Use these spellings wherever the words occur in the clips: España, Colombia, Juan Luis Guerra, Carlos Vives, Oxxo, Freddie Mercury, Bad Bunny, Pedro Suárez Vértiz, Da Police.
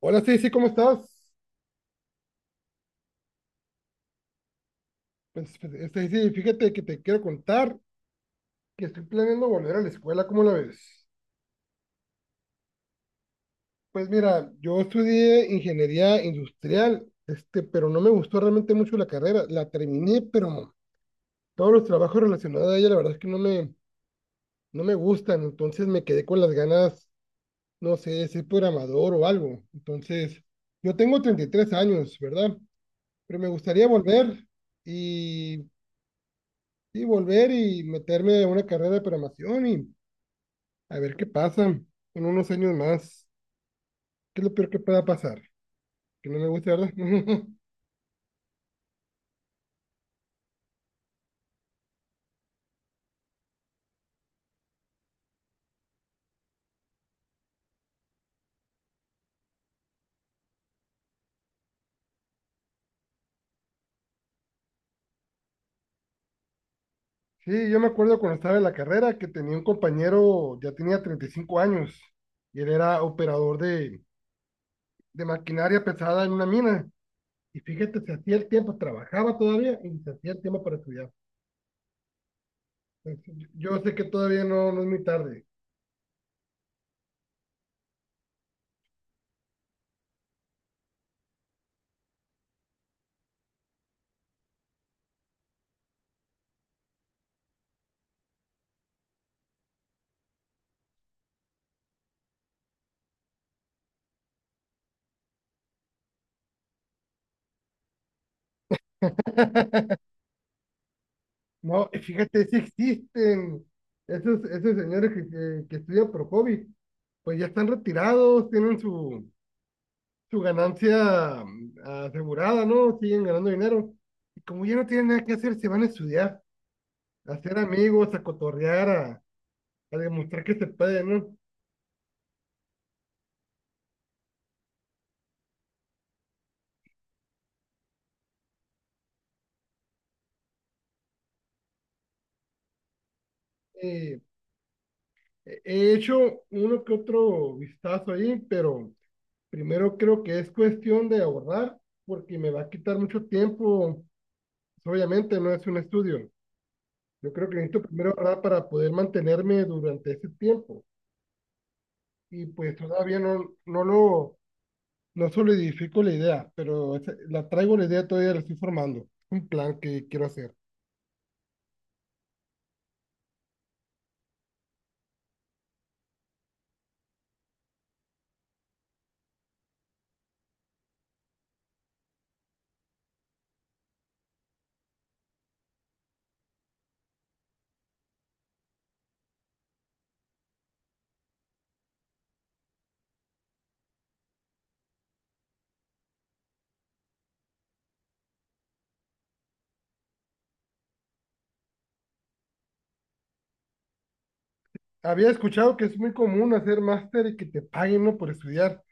Hola Stacy, ¿cómo estás? Pues, Stacy, fíjate que te quiero contar que estoy planeando volver a la escuela, ¿cómo la ves? Pues mira, yo estudié ingeniería industrial, pero no me gustó realmente mucho la carrera. La terminé, pero todos los trabajos relacionados a ella, la verdad es que no me gustan. Entonces me quedé con las ganas, no sé, de ser programador o algo. Entonces, yo tengo 33 años, ¿verdad? Pero me gustaría volver y, y volver y meterme a una carrera de programación y a ver qué pasa en unos años más. ¿Qué es lo peor que pueda pasar? Que no me guste, ¿verdad? Sí, yo me acuerdo cuando estaba en la carrera que tenía un compañero, ya tenía 35 años, y él era operador de maquinaria pesada en una mina. Y fíjate, se hacía el tiempo, trabajaba todavía y se hacía el tiempo para estudiar. Entonces, yo sé que todavía no es muy tarde. No, y fíjate, si existen esos señores que estudian por hobby, pues ya están retirados, tienen su ganancia asegurada, ¿no? Siguen ganando dinero. Y como ya no tienen nada que hacer, se van a estudiar, a hacer amigos, a cotorrear, a demostrar que se puede, ¿no? Eh, He hecho uno que otro vistazo ahí, pero primero creo que es cuestión de abordar, porque me va a quitar mucho tiempo. Obviamente no es un estudio. Yo creo que necesito primero ahorrar para poder mantenerme durante ese tiempo. Y pues todavía no solidifico la idea, pero la traigo la idea todavía, la estoy formando. Un plan que quiero hacer. Había escuchado que es muy común hacer máster y que te paguen, ¿no?, por estudiar.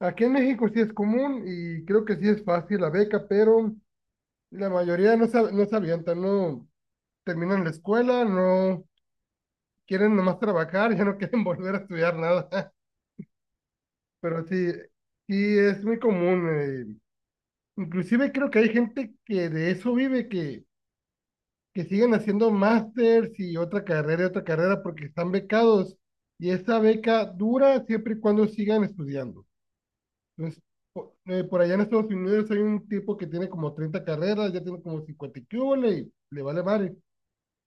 Aquí en México sí es común y creo que sí es fácil la beca, pero la mayoría no se avientan, no terminan la escuela, no quieren nomás trabajar, ya no quieren volver a estudiar nada. Pero sí, sí es muy común. Inclusive creo que hay gente que de eso vive, que siguen haciendo másters y otra carrera porque están becados y esa beca dura siempre y cuando sigan estudiando. Entonces, por allá en Estados Unidos hay un tipo que tiene como 30 carreras, ya tiene como 50 y qué hubole, le vale madre,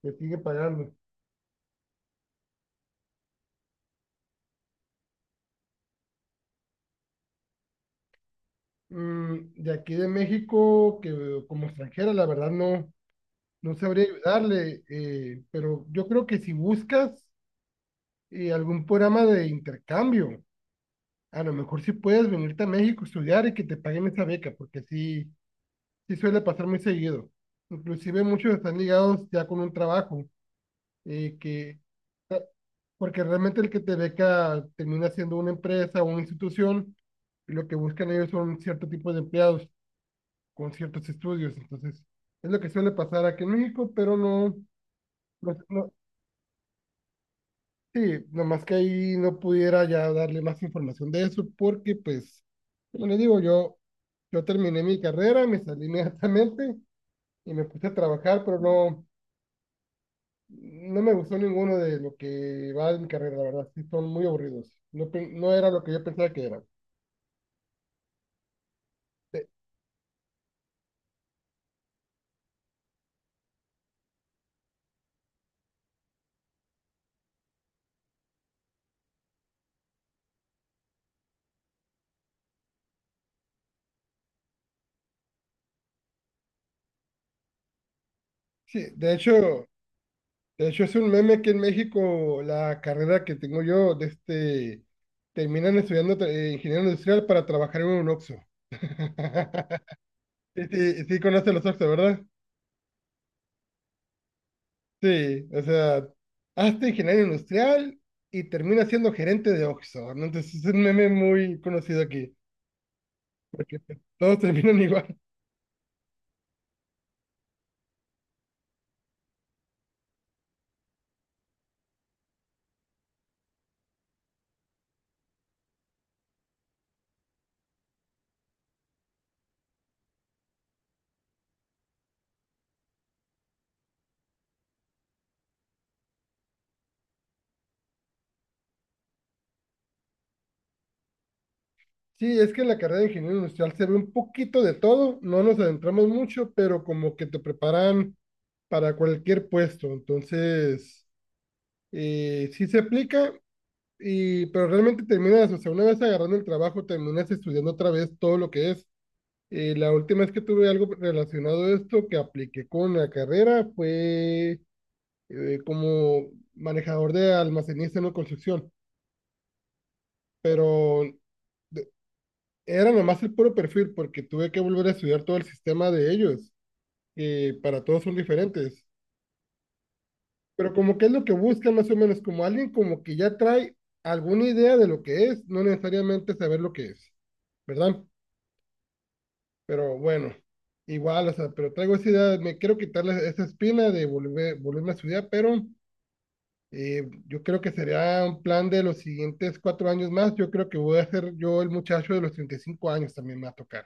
le sigue pagando. De aquí de México, que como extranjera, la verdad no sabría ayudarle, pero yo creo que si buscas algún programa de intercambio, a lo mejor sí puedes venirte a México estudiar y que te paguen esa beca, porque sí, sí suele pasar muy seguido. Inclusive muchos están ligados ya con un trabajo, eh, que, porque realmente el que te beca termina siendo una empresa o una institución, y lo que buscan ellos son cierto tipo de empleados con ciertos estudios. Entonces, es lo que suele pasar aquí en México, pero no, no, no. Sí, nomás que ahí no pudiera ya darle más información de eso porque, pues, como les digo, yo terminé mi carrera, me salí inmediatamente y me puse a trabajar, pero no me gustó ninguno de lo que va de mi carrera, la verdad, sí, son muy aburridos. No, no era lo que yo pensaba que era. De- sí, de hecho es un meme que en México la carrera que tengo yo, terminan estudiando ingeniero industrial para trabajar en un Oxxo. Sí, sí, sí conoce los Oxxo, ¿verdad? Sí, o sea, hazte ingeniero industrial y termina siendo gerente de Oxxo, ¿no? Entonces es un meme muy conocido aquí, porque todos terminan igual. Sí, es que en la carrera de ingeniero industrial se ve un poquito de todo, no nos adentramos mucho, pero como que te preparan para cualquier puesto, entonces sí se aplica, pero realmente terminas, o sea, una vez agarrando el trabajo, terminas estudiando otra vez todo lo que es. La última vez que tuve algo relacionado a esto que apliqué con la carrera fue como manejador de almacenista en una construcción, pero de- era nomás el puro perfil porque tuve que volver a estudiar todo el sistema de ellos, que para todos son diferentes. Pero como que es lo que buscan más o menos, como alguien como que ya trae alguna idea de lo que es, no necesariamente saber lo que es, ¿verdad? Pero bueno, igual, o sea, pero traigo esa idea, me quiero quitarle esa espina de volver, volverme a estudiar, pero yo creo que sería un plan de los siguientes 4 años más. Yo creo que voy a ser yo el muchacho de los 35 años también me va a tocar.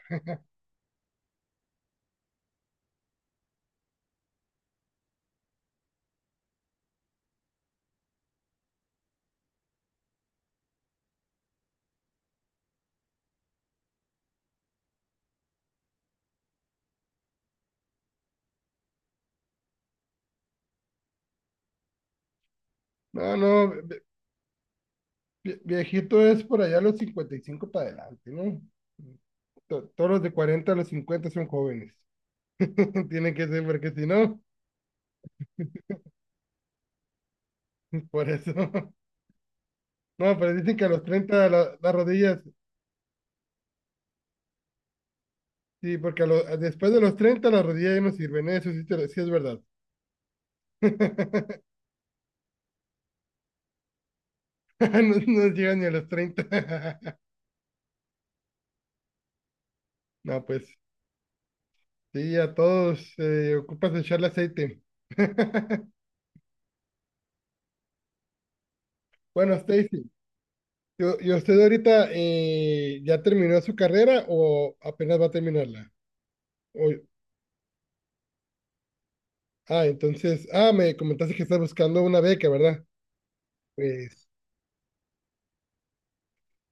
No, no, viejito es por allá los 55 para adelante, ¿no? Todos los de 40 a los 50 son jóvenes. Tienen que ser, porque si no, por eso. No, pero dicen que a los 30 las rodillas. Sí, porque después de los 30 la rodilla ya no sirven, eso sí, sí es verdad. No, no llegan ni a los 30. No, pues sí, a todos ocupas echarle aceite. Bueno, Stacy, ¿y usted ahorita ya terminó su carrera o apenas va a terminarla? O- entonces, me comentaste que estás buscando una beca, ¿verdad? Pues,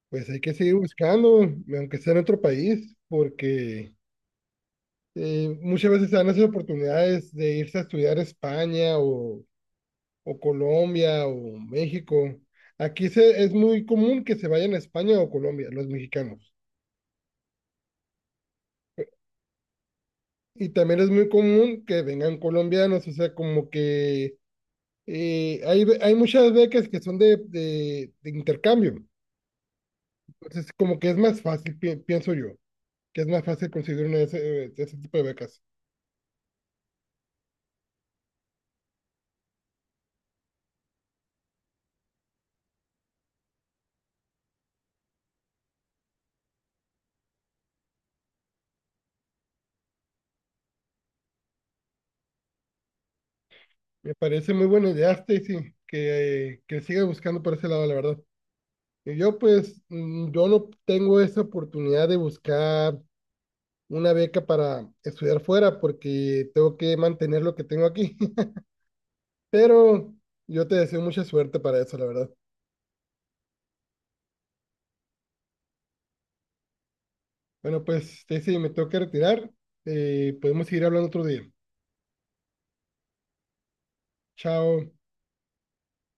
pues, hay que seguir buscando, aunque sea en otro país. Porque... Muchas veces se dan esas oportunidades de irse a estudiar a España o Colombia o México. Aquí es muy común que se vayan a España o Colombia, los mexicanos. Y también es muy común que vengan colombianos, o sea, como que hay muchas becas que son de intercambio. Entonces, como que es más fácil, pienso yo, que es más fácil conseguir una de ese, tipo de becas. Me parece muy buena idea, Stacy, que siga buscando por ese lado, la verdad. Y yo pues, yo no tengo esa oportunidad de buscar una beca para estudiar fuera porque tengo que mantener lo que tengo aquí. Pero yo te deseo mucha suerte para eso, la verdad. Bueno, pues, Stacy, me tengo que retirar. Podemos seguir hablando otro día. Chao.